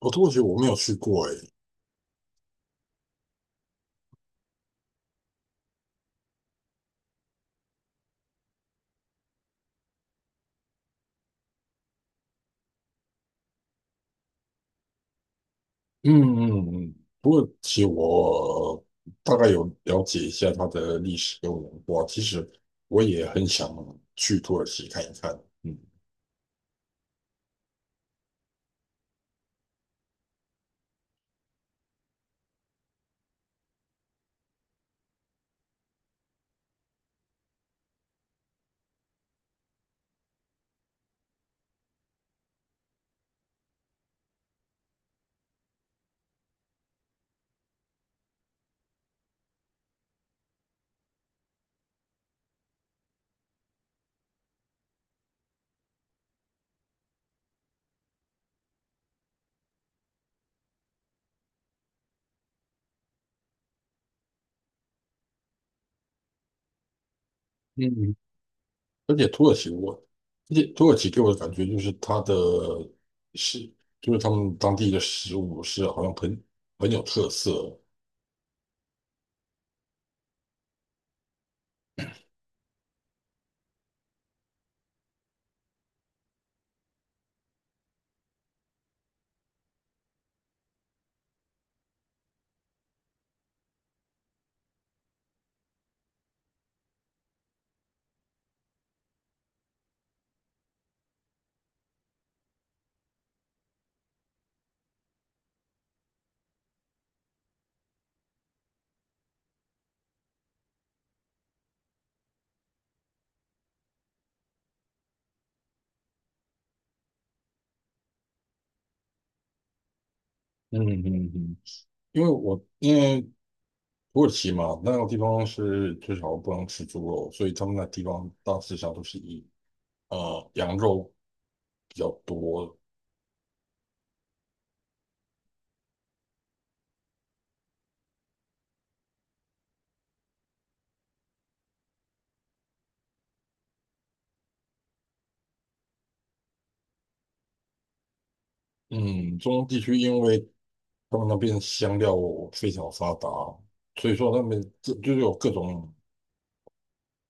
哦，土耳其我没有去过诶。嗯嗯嗯，土耳其我大概有了解一下它的历史跟文化，其实我也很想去土耳其看一看。嗯，嗯，而且土耳其我，而且土耳其给我的感觉就是它的是，就是他们当地的食物是好像很有特色。嗯嗯嗯，因为土耳其嘛，那个地方是就少不能吃猪肉，所以他们那地方大致上都是以羊肉比较多。嗯，中东地区因为他们那边香料非常发达，所以说他们就有各种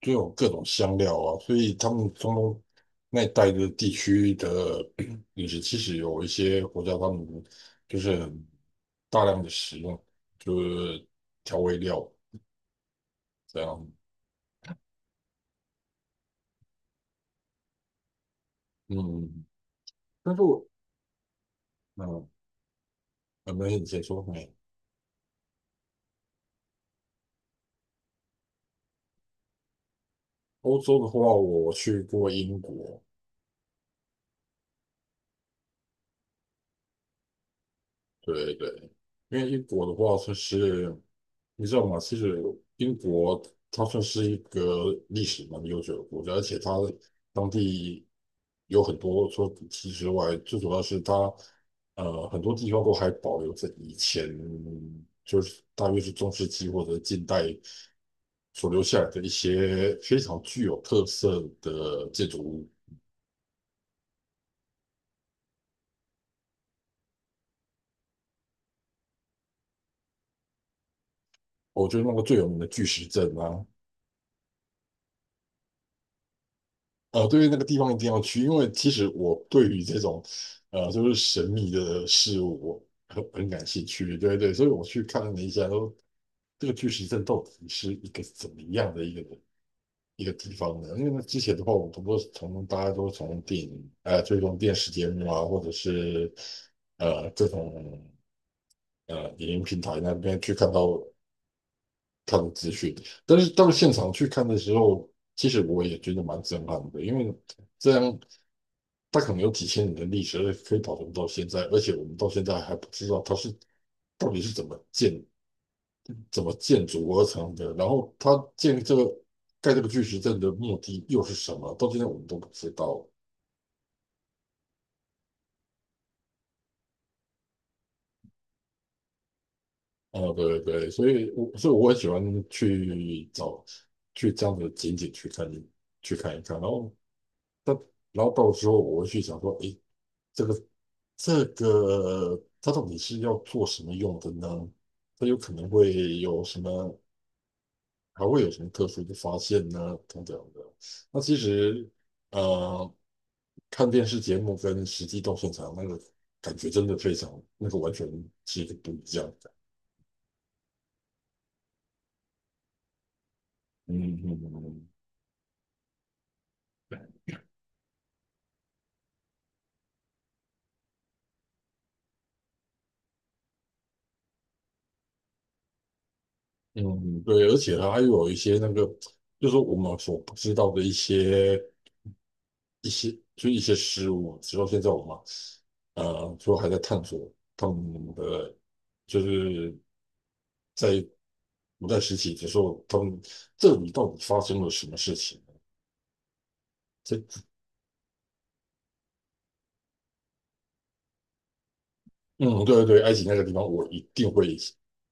有各种香料啊，所以他们中东那一带的地区的 饮食，其实有一些国家他们就是很大量的使用就是调味料这样。嗯，但是我嗯，没有你先说没。欧洲的话，我去过英国。对对，因为英国的话，它是你知道吗？其实英国它算是一个历史蛮悠久的国家，而且它当地有很多除了古迹之外，最主要是它很多地方都还保留着以前就是大约是中世纪或者近代所留下来的一些非常具有特色的建筑物。我觉得那个最有名的巨石阵啊，对于那个地方一定要去，因为其实我对于这种就是神秘的事物，我很感兴趣。对对，所以我去看了一下，说这个巨石阵到底是一个怎么样的一个地方呢？因为那之前的话，我们都是从大家都从电影追踪电视节目啊，或者是各种影音平台那边去看到看的资讯，但是到现场去看的时候，其实我也觉得蛮震撼的，因为这样。它可能有几千年的历史，而且可以保存到现在，而且我们到现在还不知道它是到底是怎么建、怎么建筑而成的，然后它建这个盖这个巨石阵的目的又是什么，到现在我们都不知道。啊，对对对，所以我很喜欢去找去这样的景点去看一看，然后但然后到时候我会去想说，诶，这个这个它到底是要做什么用的呢？它有可能会有什么还会有什么特殊的发现呢？等等的。那其实，呃，看电视节目跟实际到现场那个感觉真的非常，那个完全是不一样的。嗯嗯嗯嗯，嗯对，而且它还有一些那个，就是说我们所不知道的一些一些，就一些事物，直到现在我们说还在探索他们的，就是在古代时期的时候，他们这里到底发生了什么事情。这嗯，对对对，埃及那个地方我一定会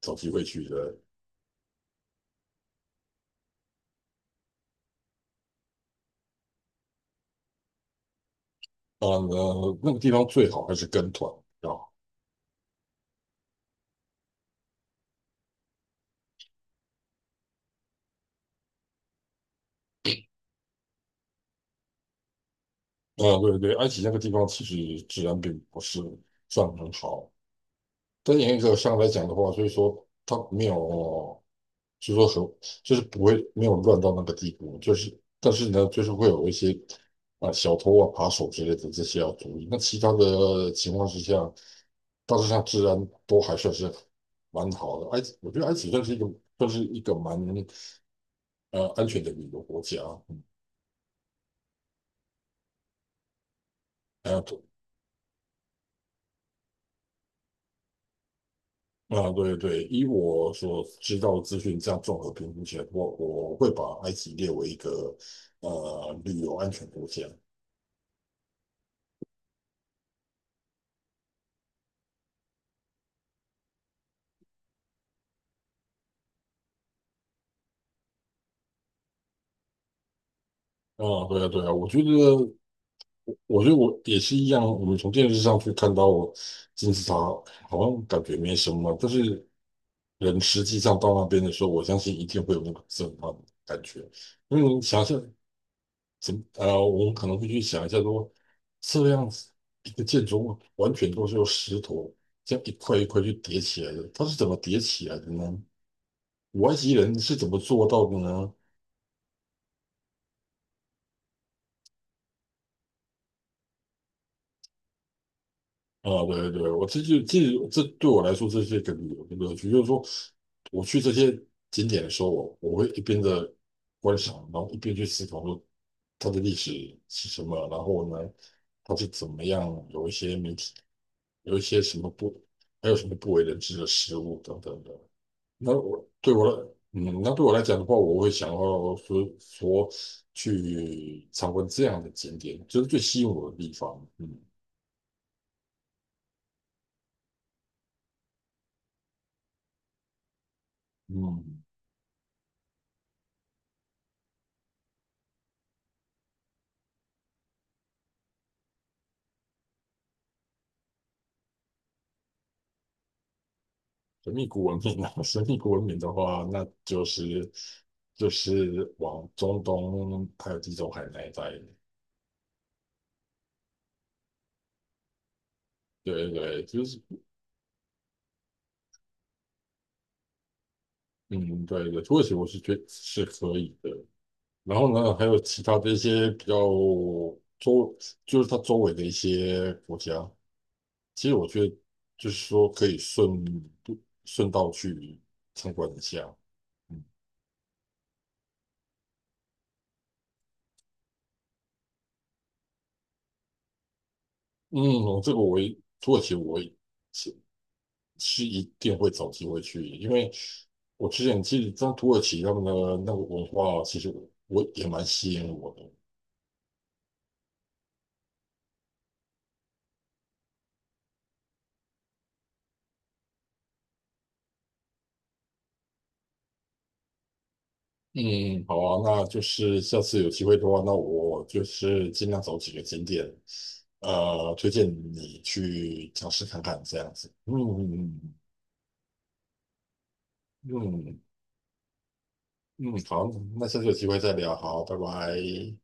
找机会去的。呃，那个地方最好还是跟团啊。嗯，对对对，埃及那个地方其实治安并不是算很好，但严格上来讲的话，所以说它没有。就说很就是不会没有乱到那个地步，就是但是呢，就是会有一些啊、小偷啊、扒手之类的这些要注意。那其他的情况之下，大致上治安都还算是蛮好的。埃及，我觉得埃及算是算是一个蛮安全的旅游国家。啊，对啊，对对，以我所知道的资讯，这样综合评估起来，我会把埃及列为一个旅游安全国家。啊，对啊，对啊，我觉得。我觉得我也是一样，我们从电视上去看到金字塔，好像感觉没什么，但是人实际上到那边的时候，我相信一定会有那个震撼的感觉。因为你想象怎么，我们可能会去想一下说，这样子一个建筑物完全都是由石头这样一块一块去叠起来的，它是怎么叠起来的呢？古埃及人是怎么做到的呢？啊，对对对，我这就其实这对我来说，这是一个旅游的乐趣，就是说我去这些景点的时候，我会一边的观赏，然后一边去思考说它的历史是什么，然后呢，它是怎么样，有一些媒体，有一些什么不，还有什么不为人知的事物等等的。那我对我来，嗯，那对我来讲的话，我会想要说去参观这样的景点，这是最吸引我的地方。嗯嗯。神秘古文明啊，神秘古文明的话，那就是就是往中东还有地中海那一带，对对，就是嗯，对对，土耳其我是觉得是可以的。然后呢，还有其他的一些比较周，就是它周围的一些国家，其实我觉得就是说可以顺道去参观一下。嗯，嗯，我这个我也土耳其我也是一定会找机会去，因为我之前其实在土耳其他们的那个文化，其实我也蛮吸引我的。嗯，好啊，那就是下次有机会的话，那我就是尽量找几个景点，推荐你去尝试看看这样子。嗯嗯嗯嗯，好，那下次有机会再聊，好，拜拜。